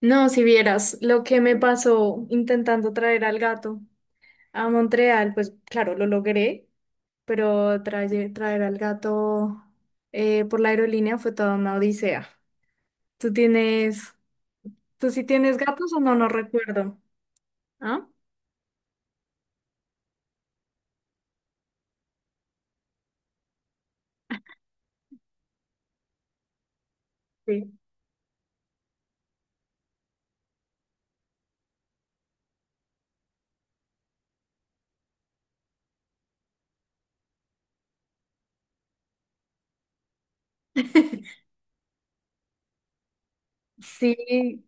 No, si vieras lo que me pasó intentando traer al gato a Montreal, pues claro, lo logré, pero traer al gato por la aerolínea fue toda una odisea. ¿Tú tienes, tú sí tienes gatos o no? No recuerdo. ¿Ah? Sí. Sí,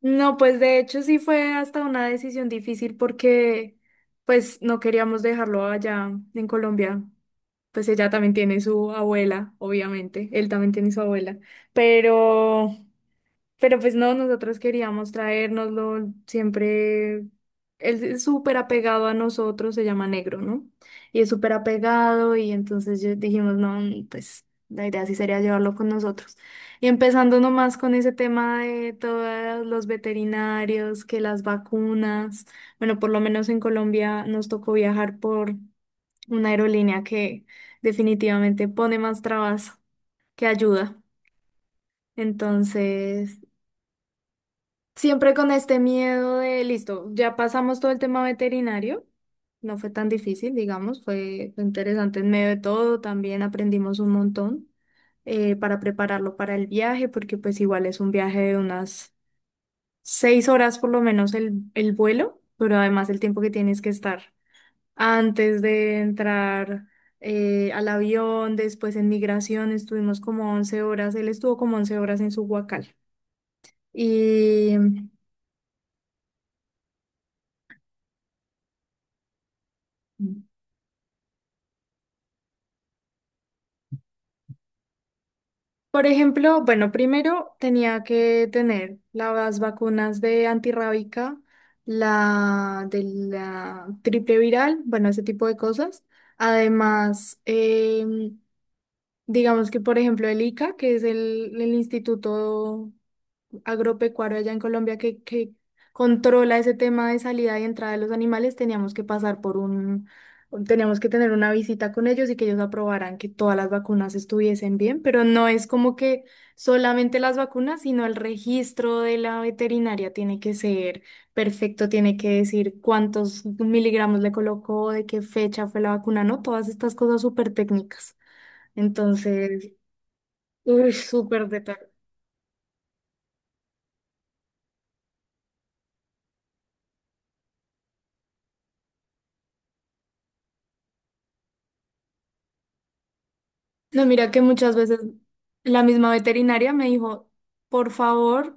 no, pues de hecho sí fue hasta una decisión difícil porque pues no queríamos dejarlo allá en Colombia, pues ella también tiene su abuela, obviamente, él también tiene su abuela, pero, pero pues no, nosotros queríamos traérnoslo, siempre, él es súper apegado a nosotros, se llama Negro, ¿no? Y es súper apegado y entonces dijimos, no, pues la idea sí sería llevarlo con nosotros. Y empezando nomás con ese tema de todos los veterinarios, que las vacunas, bueno, por lo menos en Colombia nos tocó viajar por una aerolínea que definitivamente pone más trabas que ayuda. Entonces, siempre con este miedo de, listo, ya pasamos todo el tema veterinario. No fue tan difícil, digamos, fue interesante en medio de todo, también aprendimos un montón, para prepararlo para el viaje, porque pues igual es un viaje de unas 6 horas por lo menos el vuelo, pero además el tiempo que tienes que estar antes de entrar al avión, después en migración, estuvimos como 11 horas, él estuvo como 11 horas en su huacal. Y, por ejemplo, bueno, primero tenía que tener las vacunas de antirrábica, la de la triple viral, bueno, ese tipo de cosas. Además, digamos que, por ejemplo, el ICA, que es el instituto agropecuario allá en Colombia que controla ese tema de salida y entrada de los animales, teníamos que pasar por un, teníamos que tener una visita con ellos y que ellos aprobaran que todas las vacunas estuviesen bien, pero no es como que solamente las vacunas, sino el registro de la veterinaria tiene que ser perfecto, tiene que decir cuántos miligramos le colocó, de qué fecha fue la vacuna, ¿no? Todas estas cosas súper técnicas. Entonces, uy, súper detalle. No, mira que muchas veces la misma veterinaria me dijo, por favor,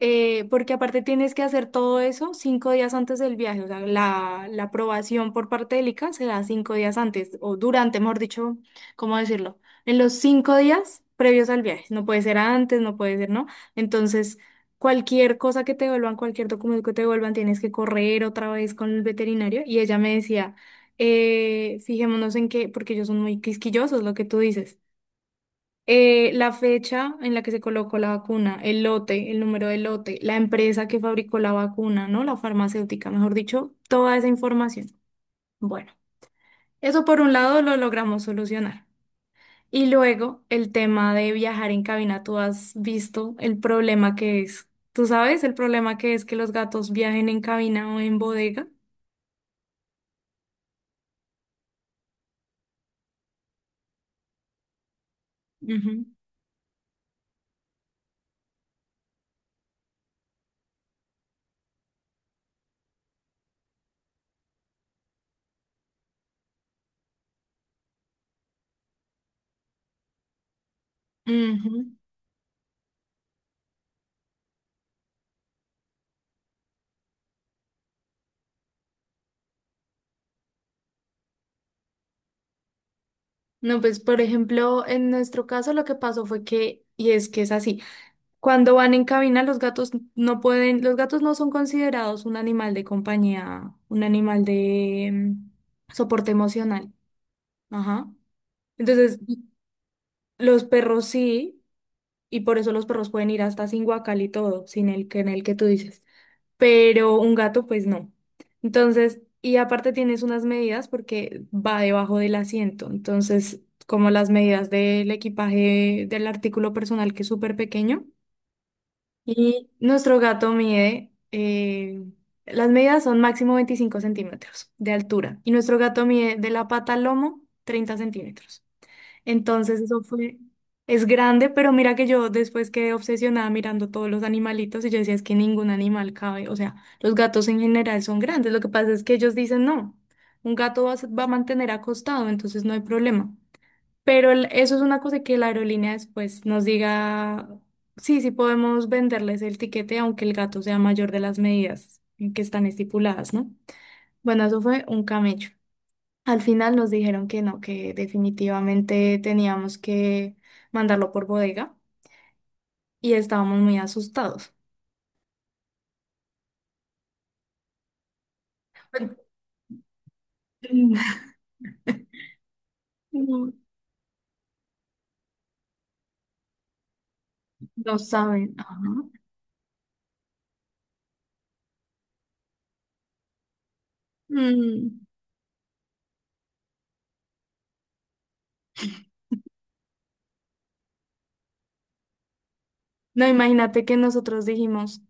porque aparte tienes que hacer todo eso 5 días antes del viaje, o sea, la aprobación por parte del ICA se da 5 días antes, o durante, mejor dicho, ¿cómo decirlo? En los 5 días previos al viaje, no puede ser antes, no puede ser, ¿no? Entonces, cualquier cosa que te devuelvan, cualquier documento que te devuelvan, tienes que correr otra vez con el veterinario, y ella me decía, fijémonos en que, porque ellos son muy quisquillosos, lo que tú dices. La fecha en la que se colocó la vacuna, el lote, el número de lote, la empresa que fabricó la vacuna, ¿no? La farmacéutica, mejor dicho, toda esa información. Bueno, eso por un lado lo logramos solucionar. Y luego el tema de viajar en cabina, tú has visto el problema que es. ¿Tú sabes el problema que es que los gatos viajen en cabina o en bodega? Ujú. Ujú. No, pues por ejemplo, en nuestro caso lo que pasó fue que, y es que es así. Cuando van en cabina, los gatos no pueden, los gatos no son considerados un animal de compañía, un animal de soporte emocional. Ajá. Entonces, los perros sí, y por eso los perros pueden ir hasta sin guacal y todo, sin el que en el que tú dices. Pero un gato, pues no. Entonces, y aparte tienes unas medidas porque va debajo del asiento. Entonces, como las medidas del equipaje del artículo personal que es súper pequeño. Y nuestro gato mide, las medidas son máximo 25 centímetros de altura. Y nuestro gato mide de la pata al lomo 30 centímetros. Entonces eso fue, es grande, pero mira que yo después quedé obsesionada mirando todos los animalitos y yo decía, es que ningún animal cabe. O sea, los gatos en general son grandes. Lo que pasa es que ellos dicen, no, un gato va a, va a mantener acostado, entonces no hay problema. Pero eso es una cosa que la aerolínea después nos diga, sí, sí podemos venderles el tiquete aunque el gato sea mayor de las medidas en que están estipuladas, ¿no? Bueno, eso fue un camello. Al final nos dijeron que no, que definitivamente teníamos que mandarlo por bodega y estábamos muy asustados. No, no saben. Ajá. Mm. No, imagínate que nosotros dijimos,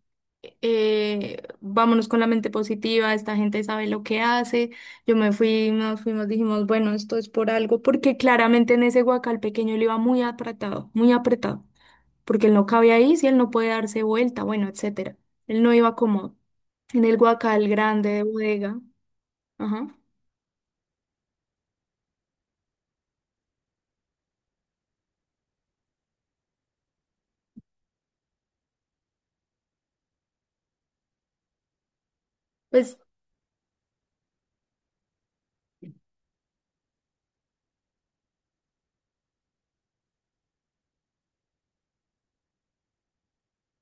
vámonos con la mente positiva, esta gente sabe lo que hace. Nos fuimos, dijimos, bueno, esto es por algo, porque claramente en ese guacal pequeño él iba muy apretado, porque él no cabía ahí, si él no puede darse vuelta, bueno, etcétera. Él no iba cómodo. En el guacal grande de bodega, ajá, pues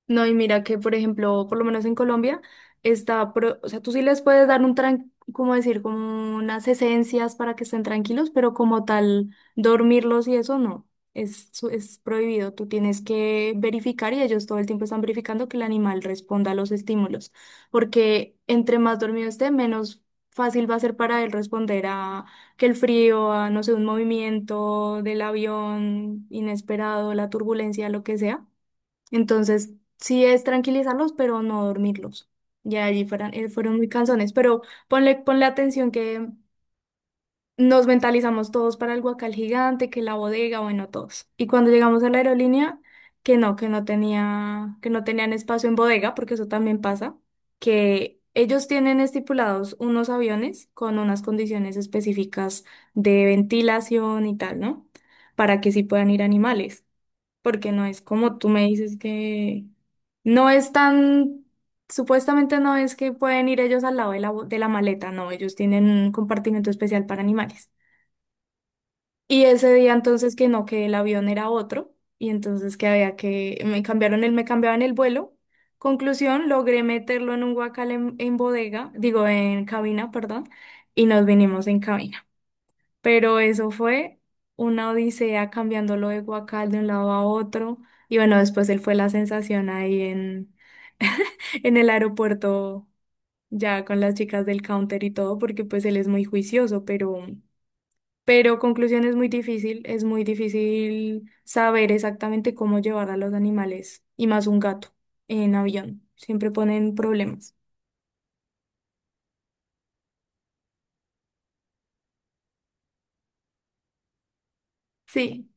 no, y mira que, por ejemplo, por lo menos en Colombia, está, o sea, tú sí les puedes dar un, tran como decir, como unas esencias para que estén tranquilos, pero como tal, dormirlos y eso no, es, es prohibido. Tú tienes que verificar y ellos todo el tiempo están verificando que el animal responda a los estímulos, porque entre más dormido esté, menos fácil va a ser para él responder a que el frío, a, no sé, un movimiento del avión inesperado, la turbulencia, lo que sea. Entonces, sí es tranquilizarlos, pero no dormirlos. Ya allí fueran, fueron muy cansones, pero ponle atención que nos mentalizamos todos para el guacal gigante, que la bodega, bueno, todos. Y cuando llegamos a la aerolínea, que no tenía, que no tenían espacio en bodega, porque eso también pasa, que ellos tienen estipulados unos aviones con unas condiciones específicas de ventilación y tal, ¿no? Para que sí puedan ir animales, porque no es como tú me dices que no es tan, supuestamente no es que pueden ir ellos al lado de la, de la maleta, no, ellos tienen un compartimento especial para animales. Y ese día entonces que no, que el avión era otro, y entonces que había que, me cambiaban el vuelo. Conclusión, logré meterlo en un guacal en bodega, digo, en cabina, perdón, y nos vinimos en cabina, pero eso fue una odisea cambiándolo de guacal de un lado a otro. Y bueno, después él fue la sensación ahí en, en el aeropuerto, ya con las chicas del counter y todo, porque pues él es muy juicioso, pero conclusión es muy difícil saber exactamente cómo llevar a los animales, y más un gato, en avión. Siempre ponen problemas. Sí,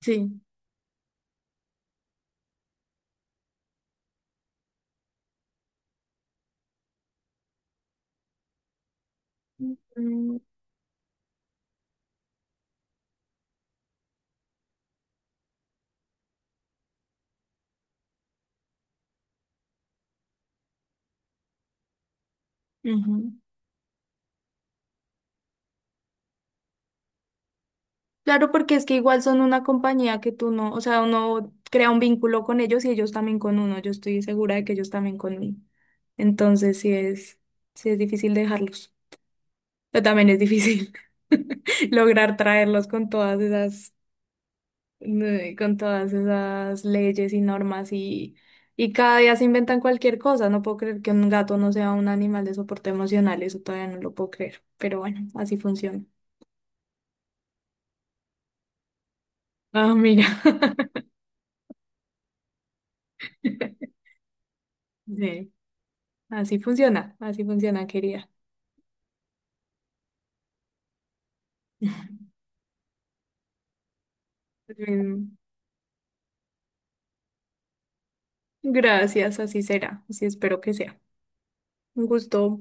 sí. Mm, ujú. Claro, porque es que igual son una compañía que tú no, o sea, uno crea un vínculo con ellos y ellos también con uno. Yo estoy segura de que ellos también conmigo. Entonces, sí es difícil dejarlos. Pero también es difícil lograr traerlos con todas esas leyes y normas y cada día se inventan cualquier cosa. No puedo creer que un gato no sea un animal de soporte emocional. Eso todavía no lo puedo creer. Pero bueno, así funciona. Ah, mira. Sí. Así funciona, querida. Bien, gracias, así será, así espero que sea. Un gusto.